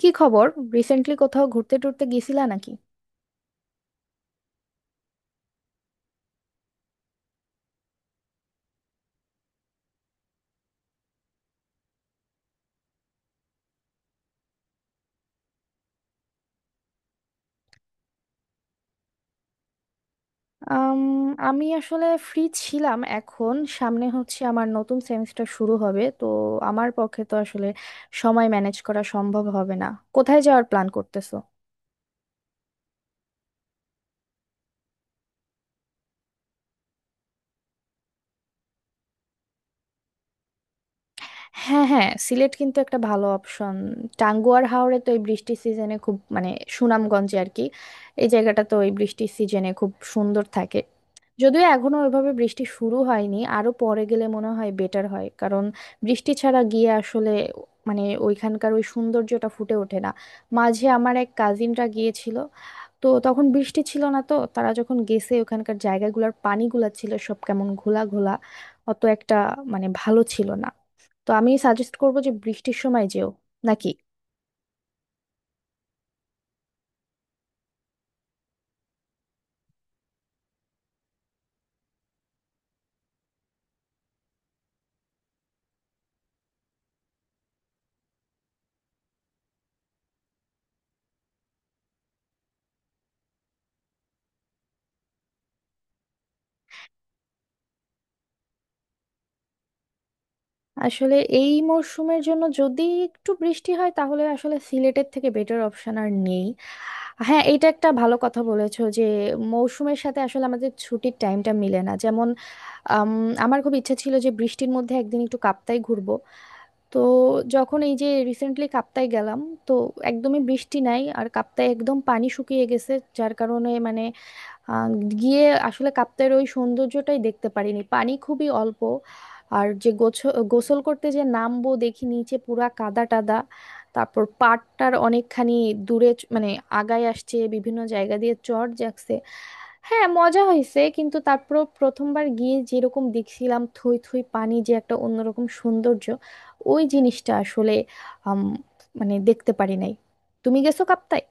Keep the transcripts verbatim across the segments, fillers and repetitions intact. কি খবর? রিসেন্টলি কোথাও ঘুরতে টুরতে গেছিলা নাকি? আম, আমি আসলে ফ্রি ছিলাম, এখন সামনে হচ্ছে আমার নতুন সেমিস্টার শুরু হবে, তো আমার পক্ষে তো আসলে সময় ম্যানেজ করা সম্ভব হবে না। কোথায় যাওয়ার প্ল্যান করতেছো? হ্যাঁ হ্যাঁ, সিলেট কিন্তু একটা ভালো অপশন। টাঙ্গুয়ার হাওরে তো এই বৃষ্টির সিজনে খুব, মানে সুনামগঞ্জে আর কি, এই জায়গাটা তো এই বৃষ্টির সিজনে খুব সুন্দর থাকে। যদিও এখনো ওইভাবে বৃষ্টি শুরু হয়নি, আরো পরে গেলে মনে হয় বেটার হয়, কারণ বৃষ্টি ছাড়া গিয়ে আসলে মানে ওইখানকার ওই সৌন্দর্যটা ফুটে ওঠে না। মাঝে আমার এক কাজিনরা গিয়েছিল, তো তখন বৃষ্টি ছিল না, তো তারা যখন গেছে ওখানকার জায়গাগুলোর পানিগুলা ছিল সব কেমন ঘোলা ঘোলা, অত একটা মানে ভালো ছিল না। তো আমি সাজেস্ট করবো যে বৃষ্টির সময় যেও, নাকি? আসলে এই মরশুমের জন্য যদি একটু বৃষ্টি হয় তাহলে আসলে সিলেটের থেকে বেটার অপশন আর নেই। হ্যাঁ, এটা একটা ভালো কথা বলেছো যে মৌসুমের সাথে আসলে আমাদের ছুটির টাইমটা মিলে না। যেমন আম, আমার খুব ইচ্ছা ছিল যে বৃষ্টির মধ্যে একদিন একটু কাপ্তাই ঘুরবো। তো যখন এই যে রিসেন্টলি কাপ্তাই গেলাম, তো একদমই বৃষ্টি নাই আর কাপ্তাই একদম পানি শুকিয়ে গেছে। যার কারণে মানে আহ, গিয়ে আসলে কাপ্তাইয়ের ওই সৌন্দর্যটাই দেখতে পারিনি, পানি খুবই অল্প। আর যে গোছ- গোসল করতে যে নামবো দেখি নিচে পুরা কাদা টাদা, তারপর পাড়টার অনেকখানি দূরে চ- মানে আগায় আসছে, বিভিন্ন জায়গা দিয়ে চড় যাচ্ছে। হ্যাঁ, মজা হয়েছে, কিন্তু তারপর প্রথমবার গিয়ে যেরকম দেখছিলাম থই থই পানি, যে একটা অন্যরকম সৌন্দর্য, ওই জিনিসটা আসলে আম, মানে দেখতে পারি নাই। তুমি গেছো কাপ্তাই?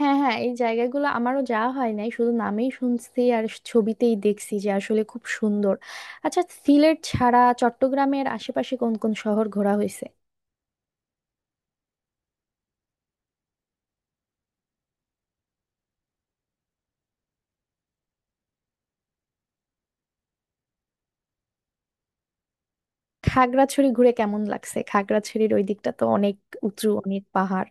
হ্যাঁ হ্যাঁ, এই জায়গাগুলো আমারও যাওয়া হয় নাই, শুধু নামেই শুনছি আর ছবিতেই দেখছি যে আসলে খুব সুন্দর। আচ্ছা, সিলেট ছাড়া চট্টগ্রামের আশেপাশে কোন কোন শহর ঘোরা হয়েছে? খাগড়াছড়ি ঘুরে কেমন লাগছে? খাগড়াছড়ির ওই দিকটা তো অনেক উঁচু, অনেক পাহাড়।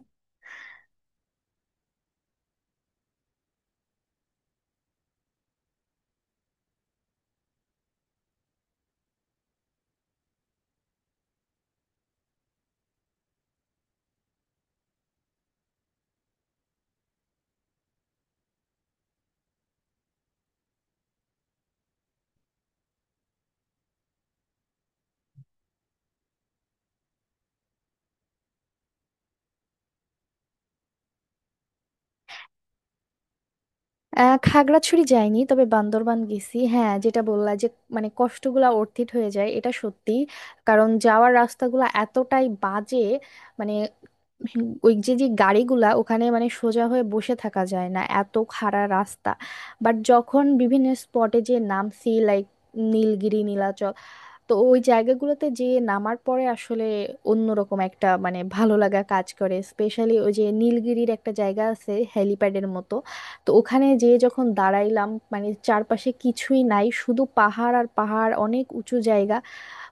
আহ, খাগড়াছড়ি যাইনি, তবে বান্দরবান গেছি। হ্যাঁ, যেটা বললা যে মানে কষ্টগুলা অর্থিত হয়ে যায়, এটা সত্যি। কারণ যাওয়ার রাস্তাগুলা এতটাই বাজে, মানে ওই যে যে গাড়িগুলা ওখানে, মানে সোজা হয়ে বসে থাকা যায় না, এত খাড়া রাস্তা। বাট যখন বিভিন্ন স্পটে যে নামছি, লাইক নীলগিরি, নীলাচল, তো ওই জায়গাগুলোতে যে নামার পরে আসলে অন্যরকম একটা মানে ভালো লাগা কাজ করে। স্পেশালি ওই যে নীলগিরির একটা জায়গা আছে হেলিপ্যাডের মতো, তো ওখানে যে যখন দাঁড়াইলাম, মানে চারপাশে কিছুই নাই, শুধু পাহাড় আর পাহাড়, অনেক উঁচু জায়গা।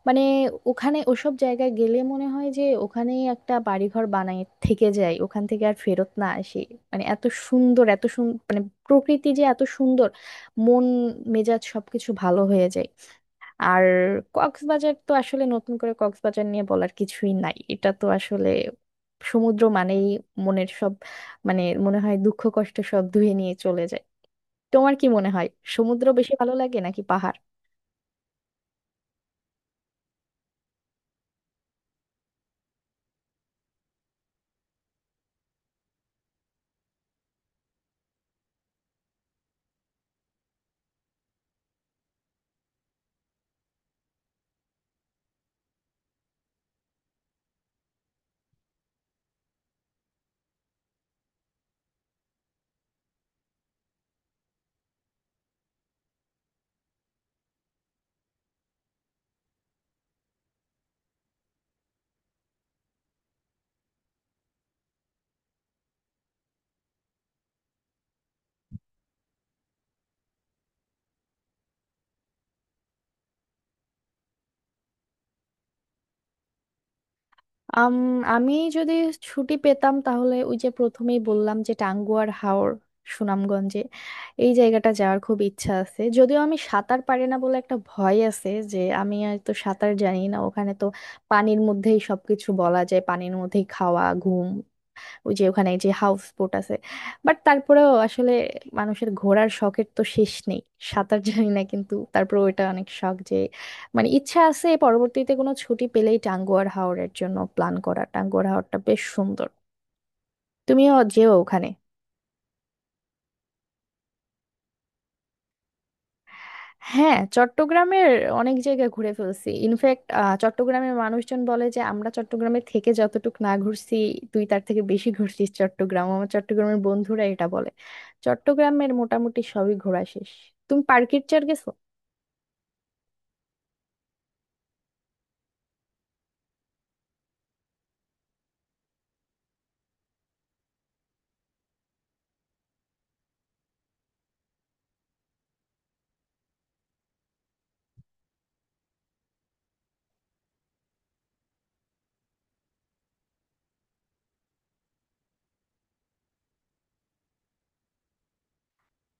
মানে ওখানে ওসব জায়গায় গেলে মনে হয় যে ওখানেই একটা বাড়িঘর বানায় থেকে যায়, ওখান থেকে আর ফেরত না আসি। মানে এত সুন্দর, এত সুন্দর, মানে প্রকৃতি যে এত সুন্দর, মন মেজাজ সবকিছু ভালো হয়ে যায়। আর কক্সবাজার তো আসলে নতুন করে কক্সবাজার নিয়ে বলার কিছুই নাই, এটা তো আসলে সমুদ্র মানেই মনের সব, মানে মনে হয় দুঃখ কষ্ট সব ধুয়ে নিয়ে চলে যায়। তোমার কি মনে হয়, সমুদ্র বেশি ভালো লাগে নাকি পাহাড়? আম, আমি যদি ছুটি পেতাম তাহলে ওই যে প্রথমেই বললাম যে টাঙ্গুয়ার হাওর, সুনামগঞ্জে এই জায়গাটা যাওয়ার খুব ইচ্ছা আছে। যদিও আমি সাঁতার পারি না বলে একটা ভয় আছে, যে আমি আর তো সাঁতার জানি না, ওখানে তো পানির মধ্যেই সবকিছু বলা যায়, পানির মধ্যেই খাওয়া ঘুম, ওই যে ওখানে যে হাউস বোট আছে। বাট তারপরেও আসলে মানুষের ঘোরার শখের তো শেষ নেই। সাঁতার জানি না কিন্তু তারপরে ওইটা অনেক শখ যে, মানে ইচ্ছা আছে পরবর্তীতে কোনো ছুটি পেলেই টাঙ্গুয়ার হাওরের জন্য প্ল্যান করা। টাঙ্গুয়ার হাওরটা বেশ সুন্দর, তুমিও যেও ওখানে। হ্যাঁ, চট্টগ্রামের অনেক জায়গায় ঘুরে ফেলছি ইনফ্যাক্ট। চট্টগ্রামের মানুষজন বলে যে আমরা চট্টগ্রামে থেকে যতটুকু না ঘুরছি, তুই তার থেকে বেশি ঘুরছিস চট্টগ্রাম, আমার চট্টগ্রামের বন্ধুরা এটা বলে। চট্টগ্রামের মোটামুটি সবই ঘোরা শেষ। তুমি পার্কির চার গেছো?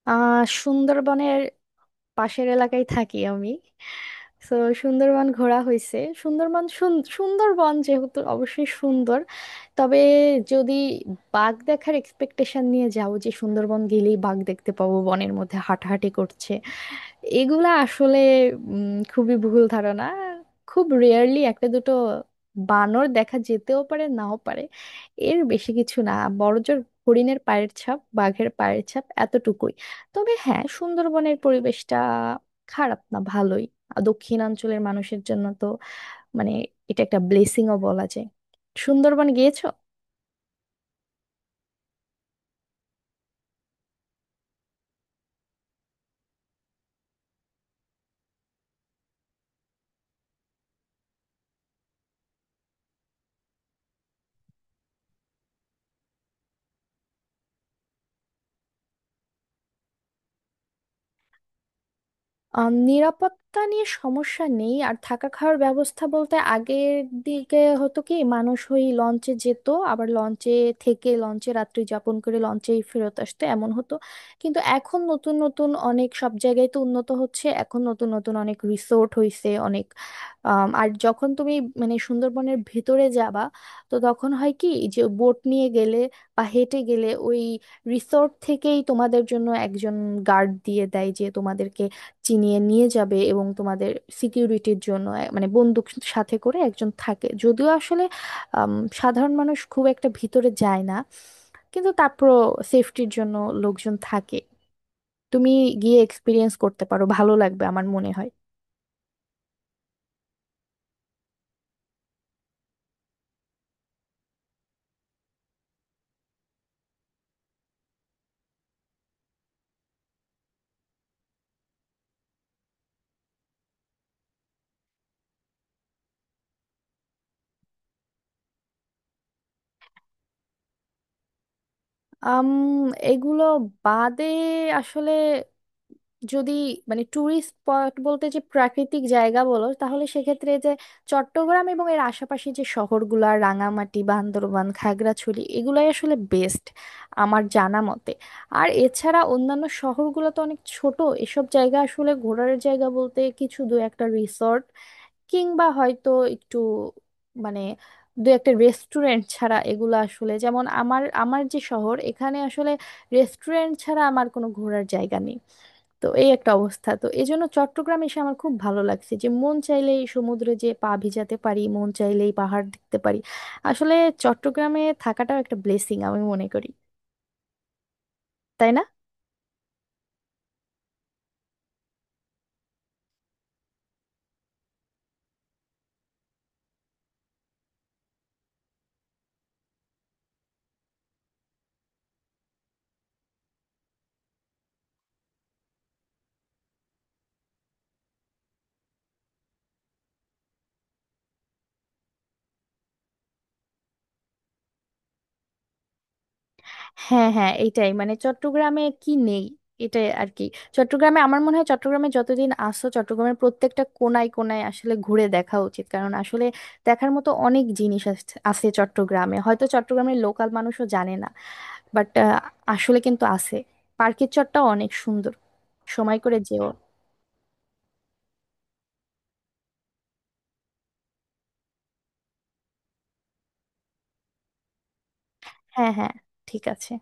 আহ, সুন্দরবনের পাশের এলাকায় থাকি আমি, তো সুন্দরবন ঘোরা হয়েছে। সুন্দরবন সুন- সুন্দরবন যেহেতু অবশ্যই সুন্দর। তবে যদি বাঘ দেখার এক্সপেকটেশন নিয়ে যাও যে সুন্দরবন গেলেই বাঘ দেখতে পাবো বনের মধ্যে হাঁটাহাঁটি করছে, এগুলা আসলে উম, খুবই ভুল ধারণা। খুব রেয়ারলি একটা দুটো বানর দেখা যেতেও পারে, নাও পারে, এর বেশি কিছু না। বড়জোর হরিণের পায়ের ছাপ, বাঘের পায়ের ছাপ, এতটুকুই। তবে হ্যাঁ, সুন্দরবনের পরিবেশটা খারাপ না, ভালোই। আর দক্ষিণাঞ্চলের মানুষের জন্য তো মানে এটা একটা ব্লেসিংও বলা যায়। সুন্দরবন গিয়েছো? আহ, নিরাপত্তা নিয়ে সমস্যা নেই। আর থাকা খাওয়ার ব্যবস্থা বলতে আগের দিকে হতো কি, মানুষ ওই লঞ্চে যেত, আবার লঞ্চে থেকে লঞ্চে রাত্রি যাপন করে লঞ্চেই ফেরত আসতো, এমন হতো। কিন্তু এখন নতুন নতুন অনেক সব জায়গায় তো উন্নত হচ্ছে, এখন নতুন নতুন অনেক রিসোর্ট হইছে অনেক। আম, আর যখন তুমি মানে সুন্দরবনের ভিতরে যাবা, তো তখন হয় কি, যে বোট নিয়ে গেলে বা হেঁটে গেলে ওই রিসোর্ট থেকেই তোমাদের জন্য একজন গার্ড দিয়ে দেয় যে তোমাদেরকে চিনিয়ে নিয়ে যাবে, এবং তোমাদের সিকিউরিটির জন্য এক- মানে বন্দুক সাথে করে একজন থাকে। যদিও আসলে আম, সাধারণ মানুষ খুব একটা ভিতরে যায় না, কিন্তু তারপরও সেফটির জন্য লোকজন থাকে। তুমি গিয়ে এক্সপিরিয়েন্স করতে পারো, ভালো লাগবে আমার মনে হয়। আম এগুলো বাদে আসলে যদি মানে ট্যুরিস্ট স্পট বলতে যে প্রাকৃতিক জায়গা বলো, তাহলে সেক্ষেত্রে যে চট্টগ্রাম এবং এর আশেপাশে যে শহরগুলা, রাঙামাটি, বান্দরবান, খাগড়াছড়ি, এগুলাই আসলে বেস্ট আমার জানা মতে। আর এছাড়া অন্যান্য শহরগুলো তো অনেক ছোট, এসব জায়গা আসলে ঘোরার জায়গা বলতে কিছু দু একটা রিসর্ট কিংবা হয়তো একটু মানে দু একটা রেস্টুরেন্ট ছাড়া, এগুলো আসলে যেমন আমার আমার যে শহর, এখানে আসলে রেস্টুরেন্ট ছাড়া আমার কোনো ঘোরার জায়গা নেই। তো এই একটা অবস্থা, তো এই জন্য চট্টগ্রাম এসে আমার খুব ভালো লাগছে যে মন চাইলেই সমুদ্রে যে পা ভিজাতে পারি, মন চাইলেই পাহাড় দেখতে পারি। আসলে চট্টগ্রামে থাকাটাও একটা ব্লেসিং আমি মনে করি, তাই না? হ্যাঁ হ্যাঁ, এইটাই, মানে চট্টগ্রামে কি নেই, এটাই আর কি। চট্টগ্রামে আমার মনে হয় চট্টগ্রামে যতদিন আসছো চট্টগ্রামের প্রত্যেকটা কোনায় কোনায় আসলে ঘুরে দেখা উচিত, কারণ আসলে দেখার মতো অনেক জিনিস আছে আছে চট্টগ্রামে, হয়তো চট্টগ্রামের লোকাল মানুষও জানে না, বাট আসলে কিন্তু আছে। পার্কের চটটা অনেক সুন্দর, সময় করে যেও। হ্যাঁ হ্যাঁ, ঠিক আছে।